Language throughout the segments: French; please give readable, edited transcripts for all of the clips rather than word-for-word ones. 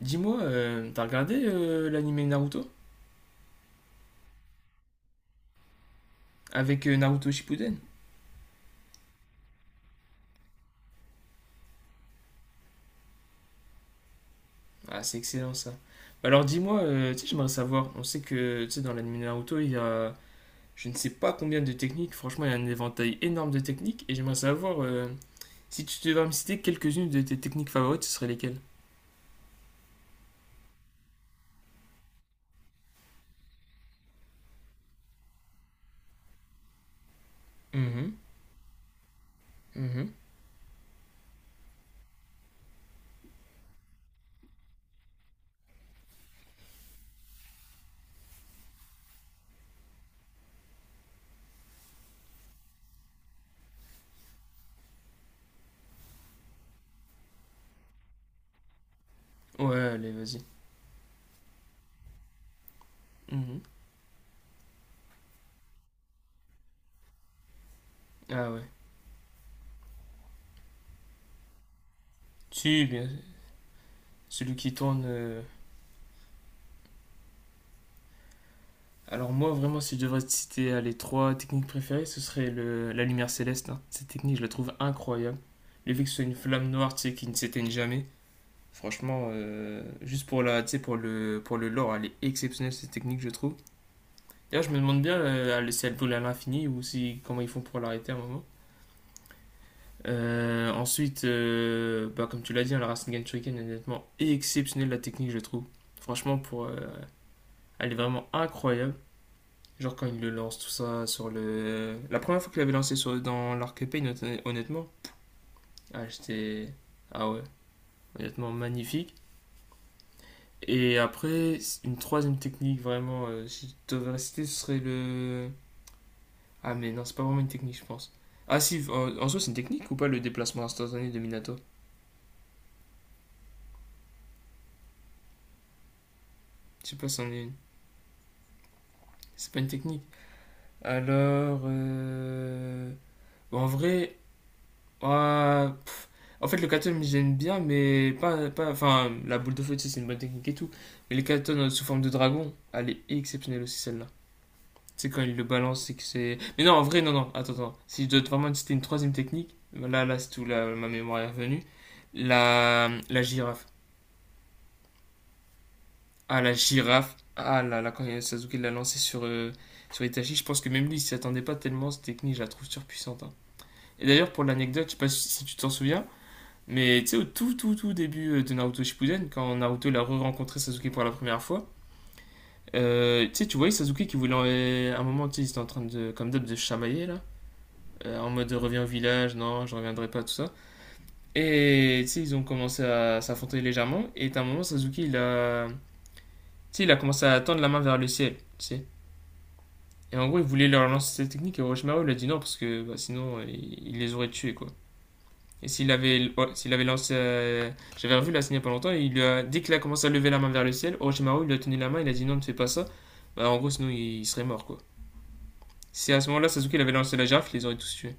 Dis-moi, t'as regardé l'anime Naruto avec Naruto Shippuden? Ah, c'est excellent ça. Bah alors dis-moi, tu sais, j'aimerais savoir. On sait que tu sais, dans l'anime Naruto, il y a je ne sais pas combien de techniques. Franchement, il y a un éventail énorme de techniques. Et j'aimerais savoir si tu devais me citer quelques-unes de tes techniques favorites, ce seraient lesquelles? Mhm, mhm. Ouais, allez, vas-y. Mhm. Ah ouais. Si, bien. Celui qui tourne. Alors moi vraiment si je devrais te citer les trois techniques préférées, ce serait la lumière céleste, hein. Cette technique je la trouve incroyable. Le fait que ce soit une flamme noire tu sais, qui ne s'éteigne jamais, franchement juste tu sais, pour le lore, elle est exceptionnelle cette technique je trouve. D'ailleurs je me demande bien si elle brûle à l'infini ou si comment ils font pour l'arrêter à un moment. Ensuite, bah, comme tu l'as dit, hein, la Rasengan Shuriken est nettement exceptionnelle la technique je trouve. Franchement elle est vraiment incroyable. Genre quand il le lance tout ça sur le. La première fois qu'il avait lancé dans l'arc épée, honnêtement, ah, j'étais. Ah ouais, honnêtement magnifique. Et après, une troisième technique vraiment, si je devais citer, ce serait le. Ah mais non, c'est pas vraiment une technique, je pense. Ah si, en soi c'est une technique ou pas le déplacement instantané de Minato? Je sais pas si c'en est une. C'est pas une technique. Alors, bon, en vrai, ah, en fait, le katon, j'aime bien, mais pas. Enfin, la boule de feu, tu sais, c'est une bonne technique et tout. Mais le katon sous forme de dragon, elle est exceptionnelle aussi, celle-là. Tu sais, quand il le balance, c'est que c'est. Mais non, en vrai, non, non, attends, attends. Si je dois vraiment citer une troisième technique, là, là, c'est tout, là, ma mémoire est revenue. La girafe. Ah, la girafe. Ah là là, quand Sasuke l'a lancé sur Itachi, je pense que même lui, il s'y attendait pas tellement. Cette technique, je la trouve surpuissante, hein. Et d'ailleurs, pour l'anecdote, je sais pas si tu t'en souviens. Mais tu sais, au tout, tout, tout début de Naruto Shippuden, quand Naruto il a re-rencontré Sasuke pour la première fois, tu sais, tu voyais Sasuke qui voulait à un moment, tu sais, il était en train de, comme d'hab, de chamailler là, en mode reviens au village, non, je reviendrai pas, tout ça. Et tu sais, ils ont commencé à s'affronter légèrement, et à un moment, Sasuke il a, tu sais, il a commencé à tendre la main vers le ciel, tu sais. Et en gros, il voulait leur lancer cette technique, et Orochimaru il a dit non, parce que bah, sinon, il les aurait tués, quoi. Et s'il avait, ouais, s'il avait lancé. J'avais revu la scène il y a pas longtemps. Et il lui a, dès qu'il a commencé à lever la main vers le ciel, Orochimaru il lui a tenu la main. Il a dit non, ne fais pas ça. Bah, en gros, sinon il serait mort quoi. Si à ce moment-là, Sasuke il avait lancé la girafe, il les aurait tous tués.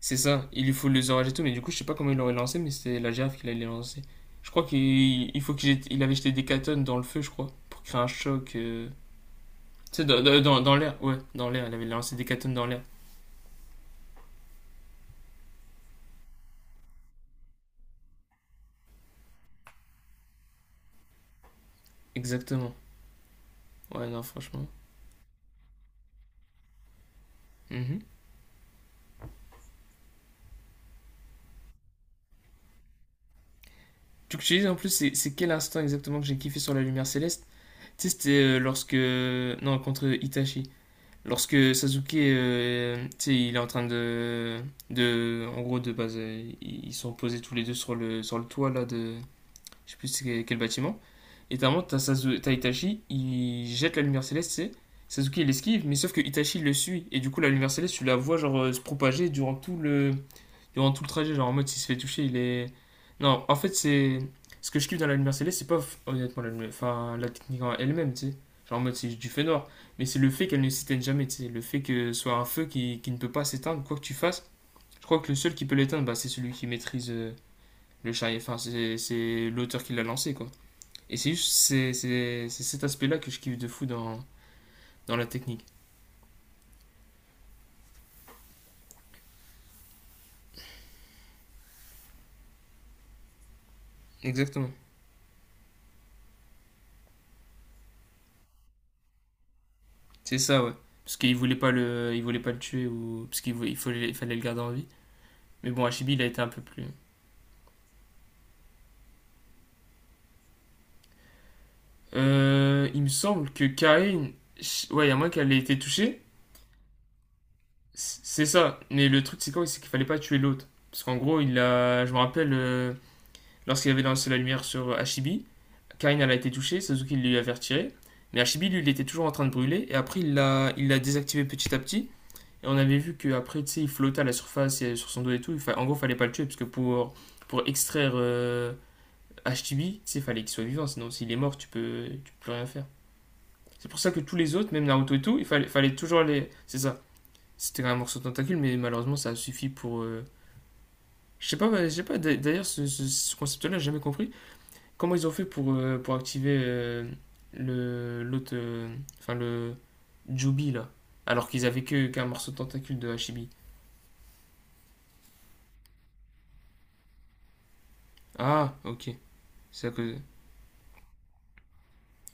C'est ça. Il lui faut les orages et tout. Mais du coup, je sais pas comment il l'aurait lancé. Mais c'était la girafe qu'il allait lancer. Je crois qu'il il faut il avait jeté des catones dans le feu, je crois. Pour créer un choc. Tu sais, dans l'air. Ouais, dans l'air. Il avait lancé des catones dans l'air. Exactement. Ouais, non, franchement. Mhm. Tu sais, en plus, c'est quel instant exactement que j'ai kiffé sur la lumière céleste? Tu sais, c'était lorsque. Non, contre Itachi. Lorsque Sasuke, tu sais, il est en train de. De en gros, de base, ils sont posés tous les deux sur le toit, là, de. Je sais plus c'est quel bâtiment. Et t'as un moment, t'as Itachi, il jette la lumière céleste, tu sais. Sasuke, il esquive, mais sauf que Itachi le suit. Et du coup, la lumière céleste, tu la vois, genre, se propager durant tout le trajet, genre en mode s'il se fait toucher, il est. Non, en fait, c'est. Ce que je kiffe dans la lumière céleste, c'est pas honnêtement enfin, la technique en elle-même, tu sais. Genre en mode c'est du feu noir. Mais c'est le fait qu'elle ne s'éteigne jamais, tu sais. Le fait que ce soit un feu qui ne peut pas s'éteindre, quoi que tu fasses. Je crois que le seul qui peut l'éteindre, bah, c'est celui qui maîtrise le chariot. Enfin, c'est l'auteur qui l'a lancé, quoi. Et c'est juste c'est cet aspect-là que je kiffe de fou dans la technique. Exactement. C'est ça, ouais. Parce qu'il voulait pas le tuer ou parce qu'il fallait le garder en vie. Mais bon, Hachibi, il a été un peu plus. Il me semble que Karin. Ouais, il y a moins qu'elle ait été touchée. C'est ça. Mais le truc, c'est quoi? C'est qu'il fallait pas tuer l'autre. Parce qu'en gros, il a. Je me rappelle, lorsqu'il avait lancé la lumière sur Hachibi, Karin, elle a été touchée, Suzuki lui avait retiré. Mais Hachibi, lui, il était toujours en train de brûler. Et après, il l'a désactivé petit à petit. Et on avait vu qu'après, tu sais, il flottait à la surface et sur son dos et tout. En gros, il fallait pas le tuer, parce que pour extraire Hachibi, tu sais, il fallait qu'il soit vivant. Sinon, s'il est mort, tu peux plus rien faire. C'est pour ça que tous les autres, même Naruto et tout, fallait toujours les. C'est ça. C'était un morceau de tentacule, mais malheureusement, ça a suffi pour. Je sais pas, bah, je sais pas. D'ailleurs, ce concept-là, j'ai jamais compris. Comment ils ont fait pour activer le l'autre. Enfin, le. Jubi, là. Alors qu'ils avaient que qu'un morceau de tentacule de Hachibi. Ah, ok. C'est à cause.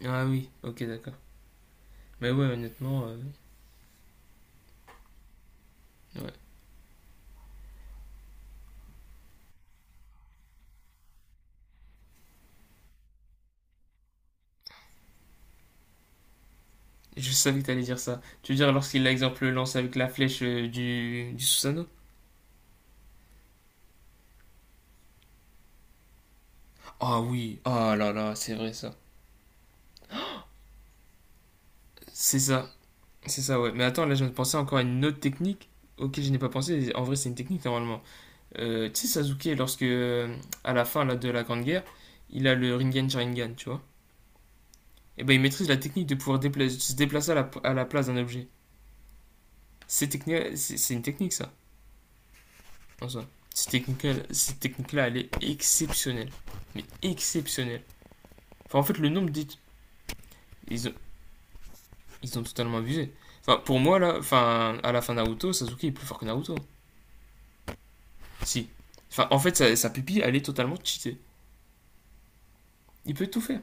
Ah oui, ok, d'accord. Mais ouais, honnêtement. Ouais. Je savais que t'allais dire ça. Tu veux dire lorsqu'il, par exemple, lance avec la flèche du Susanoo. Ah oui, ah là là, c'est vrai ça. C'est ça, c'est ça, ouais. Mais attends, là, je viens de penser encore à une autre technique auquel je n'ai pas pensé. En vrai, c'est une technique normalement. Tu sais, Sasuke, lorsque, à la fin là, de la Grande Guerre, il a le Rinnegan Sharingan, tu vois. Et ben, il maîtrise la technique de pouvoir se déplacer à la place d'un objet. C'est une technique, ça, en soi. Cette technique-là, elle est exceptionnelle. Mais exceptionnelle. Enfin, en fait, le nombre d'études. Ils ont, Ils ont totalement abusé. Enfin, pour moi, là, enfin, à la fin de Naruto, Sasuke est plus fort que Naruto. Si. Enfin, en fait, sa pupille, elle est totalement cheatée. Il peut tout faire.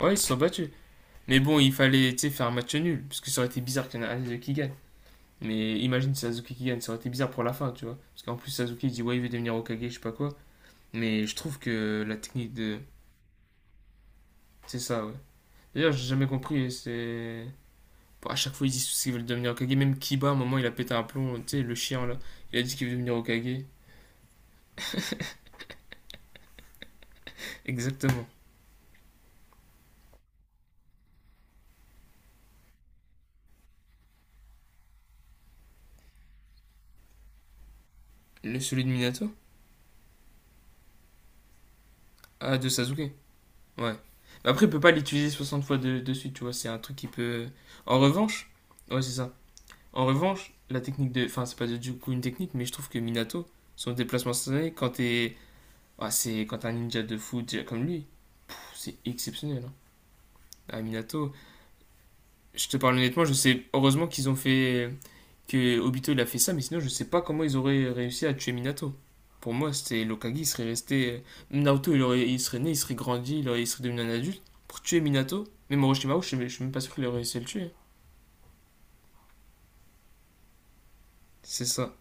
Ouais, ils se sont battus. Mais bon, il fallait, tu sais, faire un match nul. Parce que ça aurait été bizarre qu'il y en ait un qui gagne. Mais imagine si Sasuke qui gagne, ça aurait été bizarre pour la fin, tu vois. Parce qu'en plus, Sasuke il dit ouais, il veut devenir Hokage je sais pas quoi. Mais je trouve que la technique de. C'est ça, ouais. D'ailleurs, j'ai jamais compris, c'est. Bon, à chaque fois, ils disent qu'ils veulent devenir Hokage. Même Kiba, à un moment, il a pété un plomb, tu sais, le chien là. Il a dit qu'il veut devenir Hokage. Exactement. Le Celui de Minato. Ah, de Sasuke. Ouais. Mais après, il peut pas l'utiliser 60 fois de suite, tu vois. C'est un truc qui peut. En revanche, ouais, c'est ça. En revanche, la technique de. Enfin, c'est pas du coup une technique, mais je trouve que Minato, son déplacement instantané, quand t'es. Ah, c'est quand t'es un ninja de fou déjà comme lui, pff, c'est exceptionnel, hein. Ah, Minato, je te parle honnêtement, je sais. Heureusement qu'ils ont fait que Obito il a fait ça, mais sinon je sais pas comment ils auraient réussi à tuer Minato. Pour moi, c'était Lokagi, il serait resté. Naruto, il serait né, il serait grandi, il serait devenu un adulte. Pour tuer Minato, même Orochimaru, je suis même pas sûr qu'il aurait réussi à le tuer. C'est ça.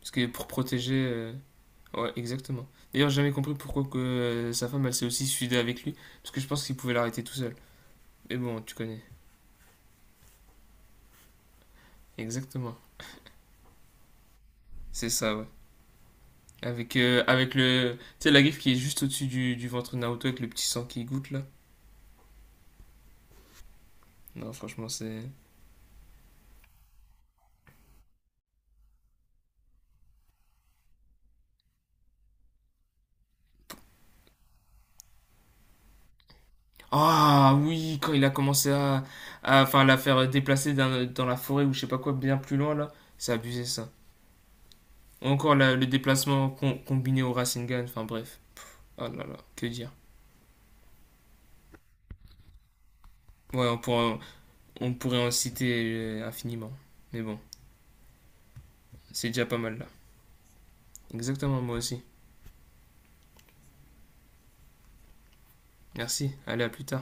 Parce que pour protéger. Ouais, exactement. D'ailleurs, j'ai jamais compris pourquoi que sa femme, elle s'est aussi suicidée avec lui. Parce que je pense qu'il pouvait l'arrêter tout seul. Mais bon, tu connais. Exactement. C'est ça, ouais. Avec le. Tu sais, la griffe qui est juste au-dessus du ventre de Naruto avec le petit sang qui goutte là. Non, franchement, c'est. Ah oui, quand il a commencé enfin, la faire déplacer dans la forêt ou je sais pas quoi, bien plus loin là, c'est abusé ça. Ou encore le déplacement combiné au Rasengan, enfin bref. Oh là là, que dire. Ouais, on pourrait en citer infiniment. Mais bon, c'est déjà pas mal là. Exactement, moi aussi. Merci, allez, à plus tard.